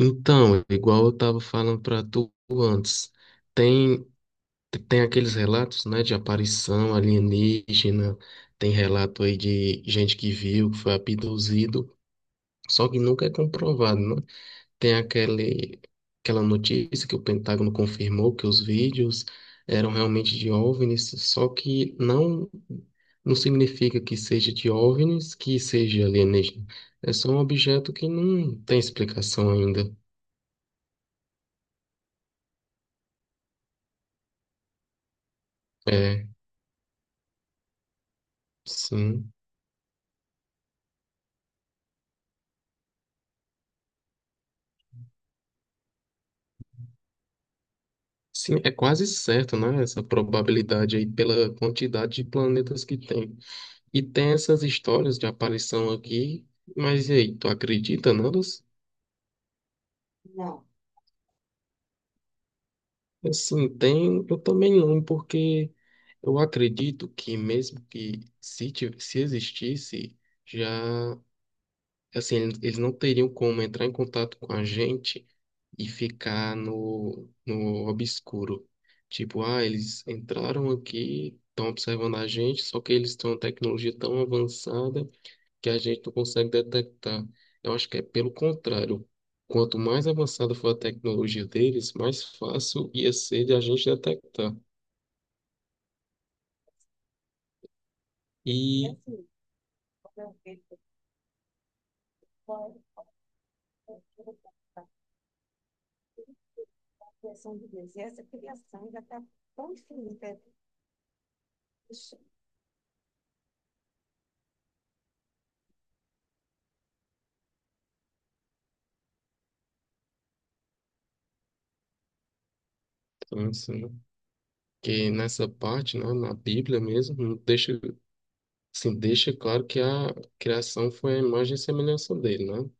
Então, igual eu estava falando para tu antes, tem, tem aqueles relatos, né, de aparição alienígena, tem relato aí de gente que viu, que foi abduzido, só que nunca é comprovado, né? Tem aquele, aquela notícia que o Pentágono confirmou que os vídeos eram realmente de OVNIs, só que não, não significa que seja de OVNIs, que seja alienígena. É só um objeto que não tem explicação ainda. É. Sim. Sim, é quase certo, né? Essa probabilidade aí pela quantidade de planetas que tem. E tem essas histórias de aparição aqui, mas e aí, tu acredita nelas? Assim, tem, eu também não, porque eu acredito que mesmo que se, ti- se existisse, já. Assim, eles não teriam como entrar em contato com a gente e ficar no obscuro. Tipo, ah, eles entraram aqui, estão observando a gente, só que eles têm uma tecnologia tão avançada que a gente não consegue detectar. Eu acho que é pelo contrário. Quanto mais avançada for a tecnologia deles, mais fácil ia ser de a gente detectar. E, então, assim, que nessa parte, né, na Bíblia mesmo, não deixa. Sim, deixa claro que a criação foi a imagem e semelhança dele, né?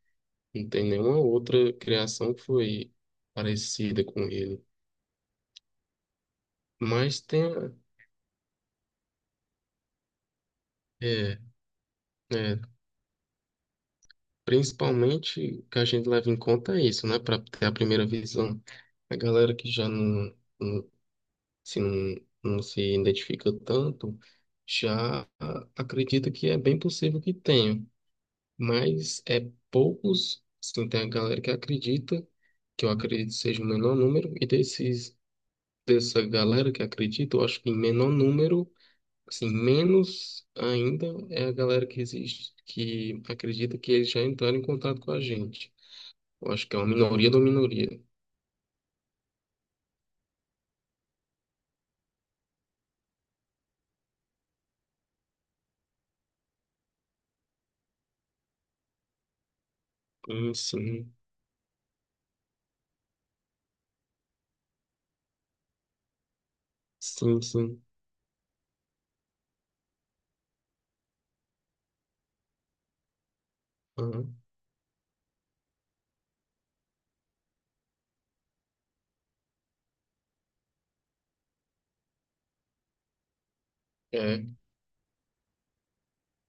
Não tem nenhuma outra criação que foi parecida com ele. Mas tem, a- é, é, principalmente o que a gente leva em conta é isso, né? Para ter a primeira visão. A galera que já não, não, se, não, não se identifica tanto, já acredita que é bem possível que tenha. Mas é poucos, assim, tem a galera que acredita, que eu acredito seja o menor número, e dessa galera que acredita, eu acho que em menor número, assim, menos ainda é a galera que existe, que acredita que eles já entraram em contato com a gente. Eu acho que é uma minoria da minoria. Sim, sim, sim. Aham. É.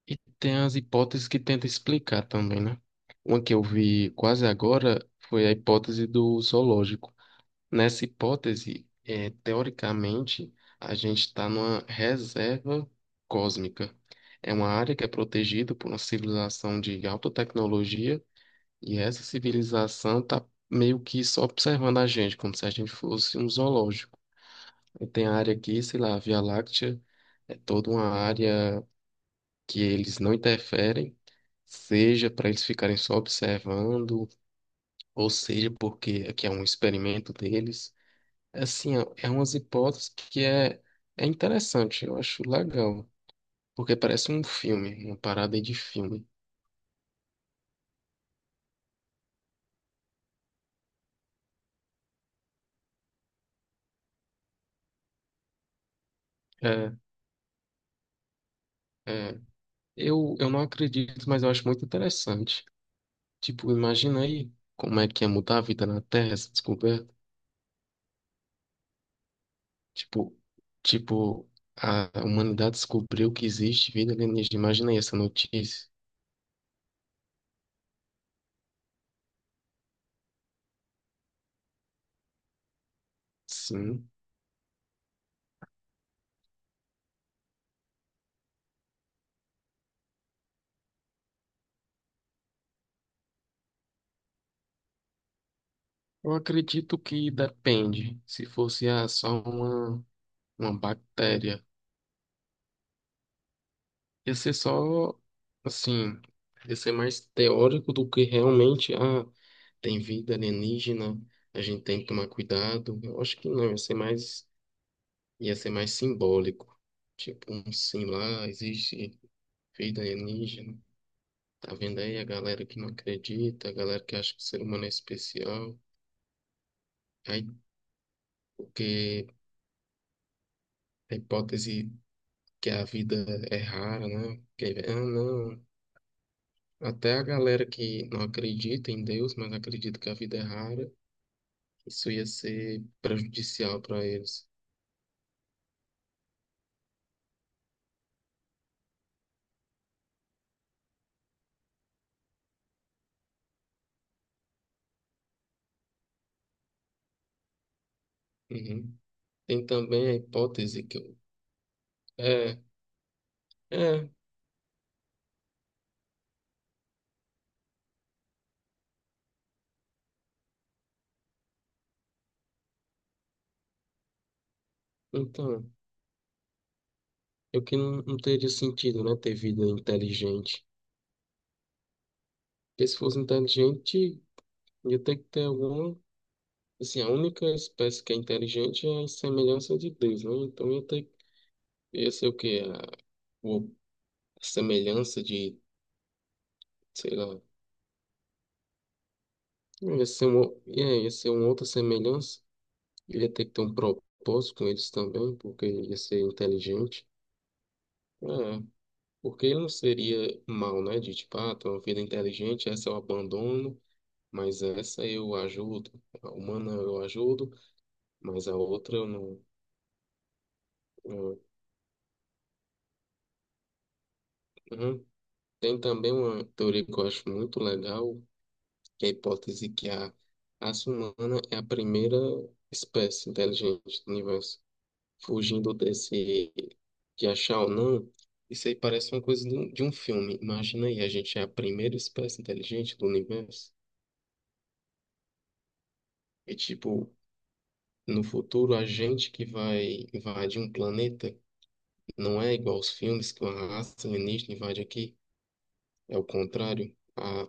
E tem as hipóteses que tenta explicar também, né? Uma que eu vi quase agora foi a hipótese do zoológico. Nessa hipótese, teoricamente, a gente está numa reserva cósmica. É uma área que é protegida por uma civilização de alta tecnologia e essa civilização está meio que só observando a gente, como se a gente fosse um zoológico. E tem a área aqui, sei lá, a Via Láctea, é toda uma área que eles não interferem, seja para eles ficarem só observando, ou seja porque aqui é um experimento deles. Assim, ó, é umas é interessante, eu acho legal, porque parece um filme, uma parada aí de filme. É, é. Eu não acredito, mas eu acho muito interessante. Tipo, imagina aí como é que ia mudar a vida na Terra, essa descoberta. Tipo, tipo, a humanidade descobriu que existe vida alienígena. Imagina aí essa notícia. Sim. Eu acredito que depende. Se fosse ah, uma bactéria. Ia ser só, assim, ia ser mais teórico do que realmente, ah, tem vida alienígena, a gente tem que tomar cuidado. Eu acho que não, ia ser mais simbólico. Tipo, um sim lá, existe vida alienígena. Tá vendo aí a galera que não acredita, a galera que acha que o ser humano é especial. Aí, porque a hipótese que a vida é rara, né? Que, ah, não. Até a galera que não acredita em Deus, mas acredita que a vida é rara, isso ia ser prejudicial para eles. Uhum. Tem também a hipótese que eu... É, é, então, eu que não teria sentido, né, ter vida inteligente. Porque se fosse inteligente, ia ter que ter alguma... Assim, a única espécie que é inteligente é a semelhança de Deus, né? Então ia ter... ia ser o quê? A- o semelhança de, sei lá, ia ser uma outra semelhança. Ele ia ter que ter um propósito com eles também, porque ele ia ser inteligente. É, porque ele não seria mal, né? De tipo, ah, tem uma vida inteligente, essa eu abandono, mas essa eu ajudo. A humana eu ajudo, mas a outra eu não. eu- Uhum. Tem também uma teoria que eu acho muito legal, que é a hipótese que a raça humana é a primeira espécie inteligente do universo. Fugindo desse de achar ou não, isso aí parece uma coisa de um filme. Imagina aí, a gente é a primeira espécie inteligente do universo e tipo, no futuro a gente que vai invadir um planeta, não é igual aos filmes que uma raça alienígena invade aqui, é o contrário. A,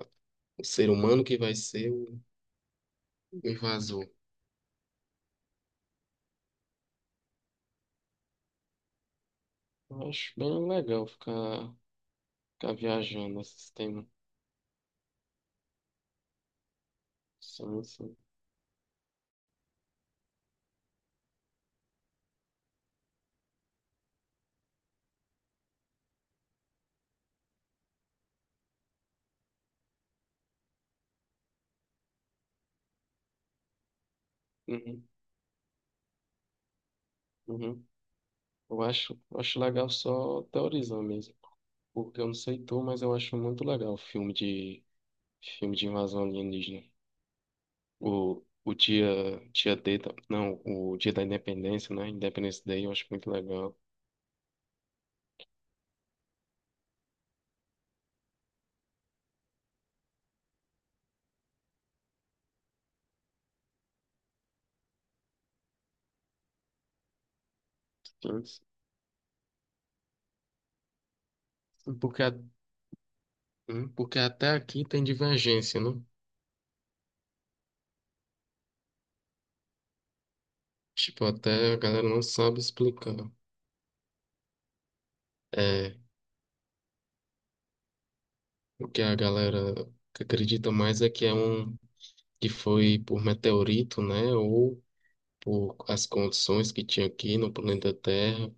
o ser humano que vai ser o invasor. Eu Acho bem legal ficar viajando nesse tema. Sim, sim. Uhum, uhum. Eu acho legal só teorizar mesmo. Porque eu não sei tu, mas eu acho muito legal o filme de invasão alienígena. O dia D, da- não, o dia da Independência, né? Independence Day, eu acho muito legal. Sim, porque, a- porque até aqui tem divergência, né? Tipo, até a galera não sabe explicar. É, o que a galera que acredita mais é que é um que foi por meteorito, né? Ou por as condições que tinha aqui no planeta Terra.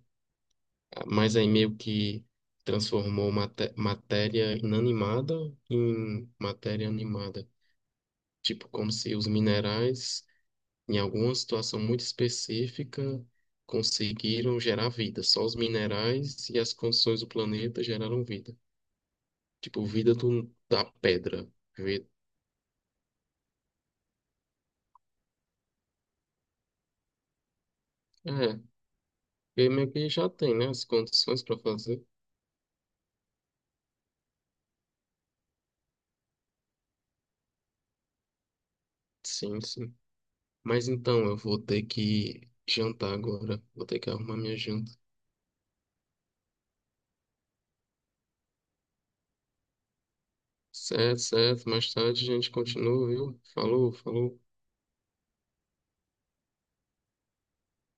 Mas aí meio que transformou matéria inanimada em matéria animada. Tipo, como se os minerais, em alguma situação muito específica, conseguiram gerar vida. Só os minerais e as condições do planeta geraram vida. Tipo, vida da pedra. Vi- é, e meio que já tem, né, as condições para fazer. Sim, sim. Mas então, eu vou ter que jantar agora. Vou ter que arrumar minha janta. Certo, certo. Mais tarde a gente continua, viu? Falou, falou.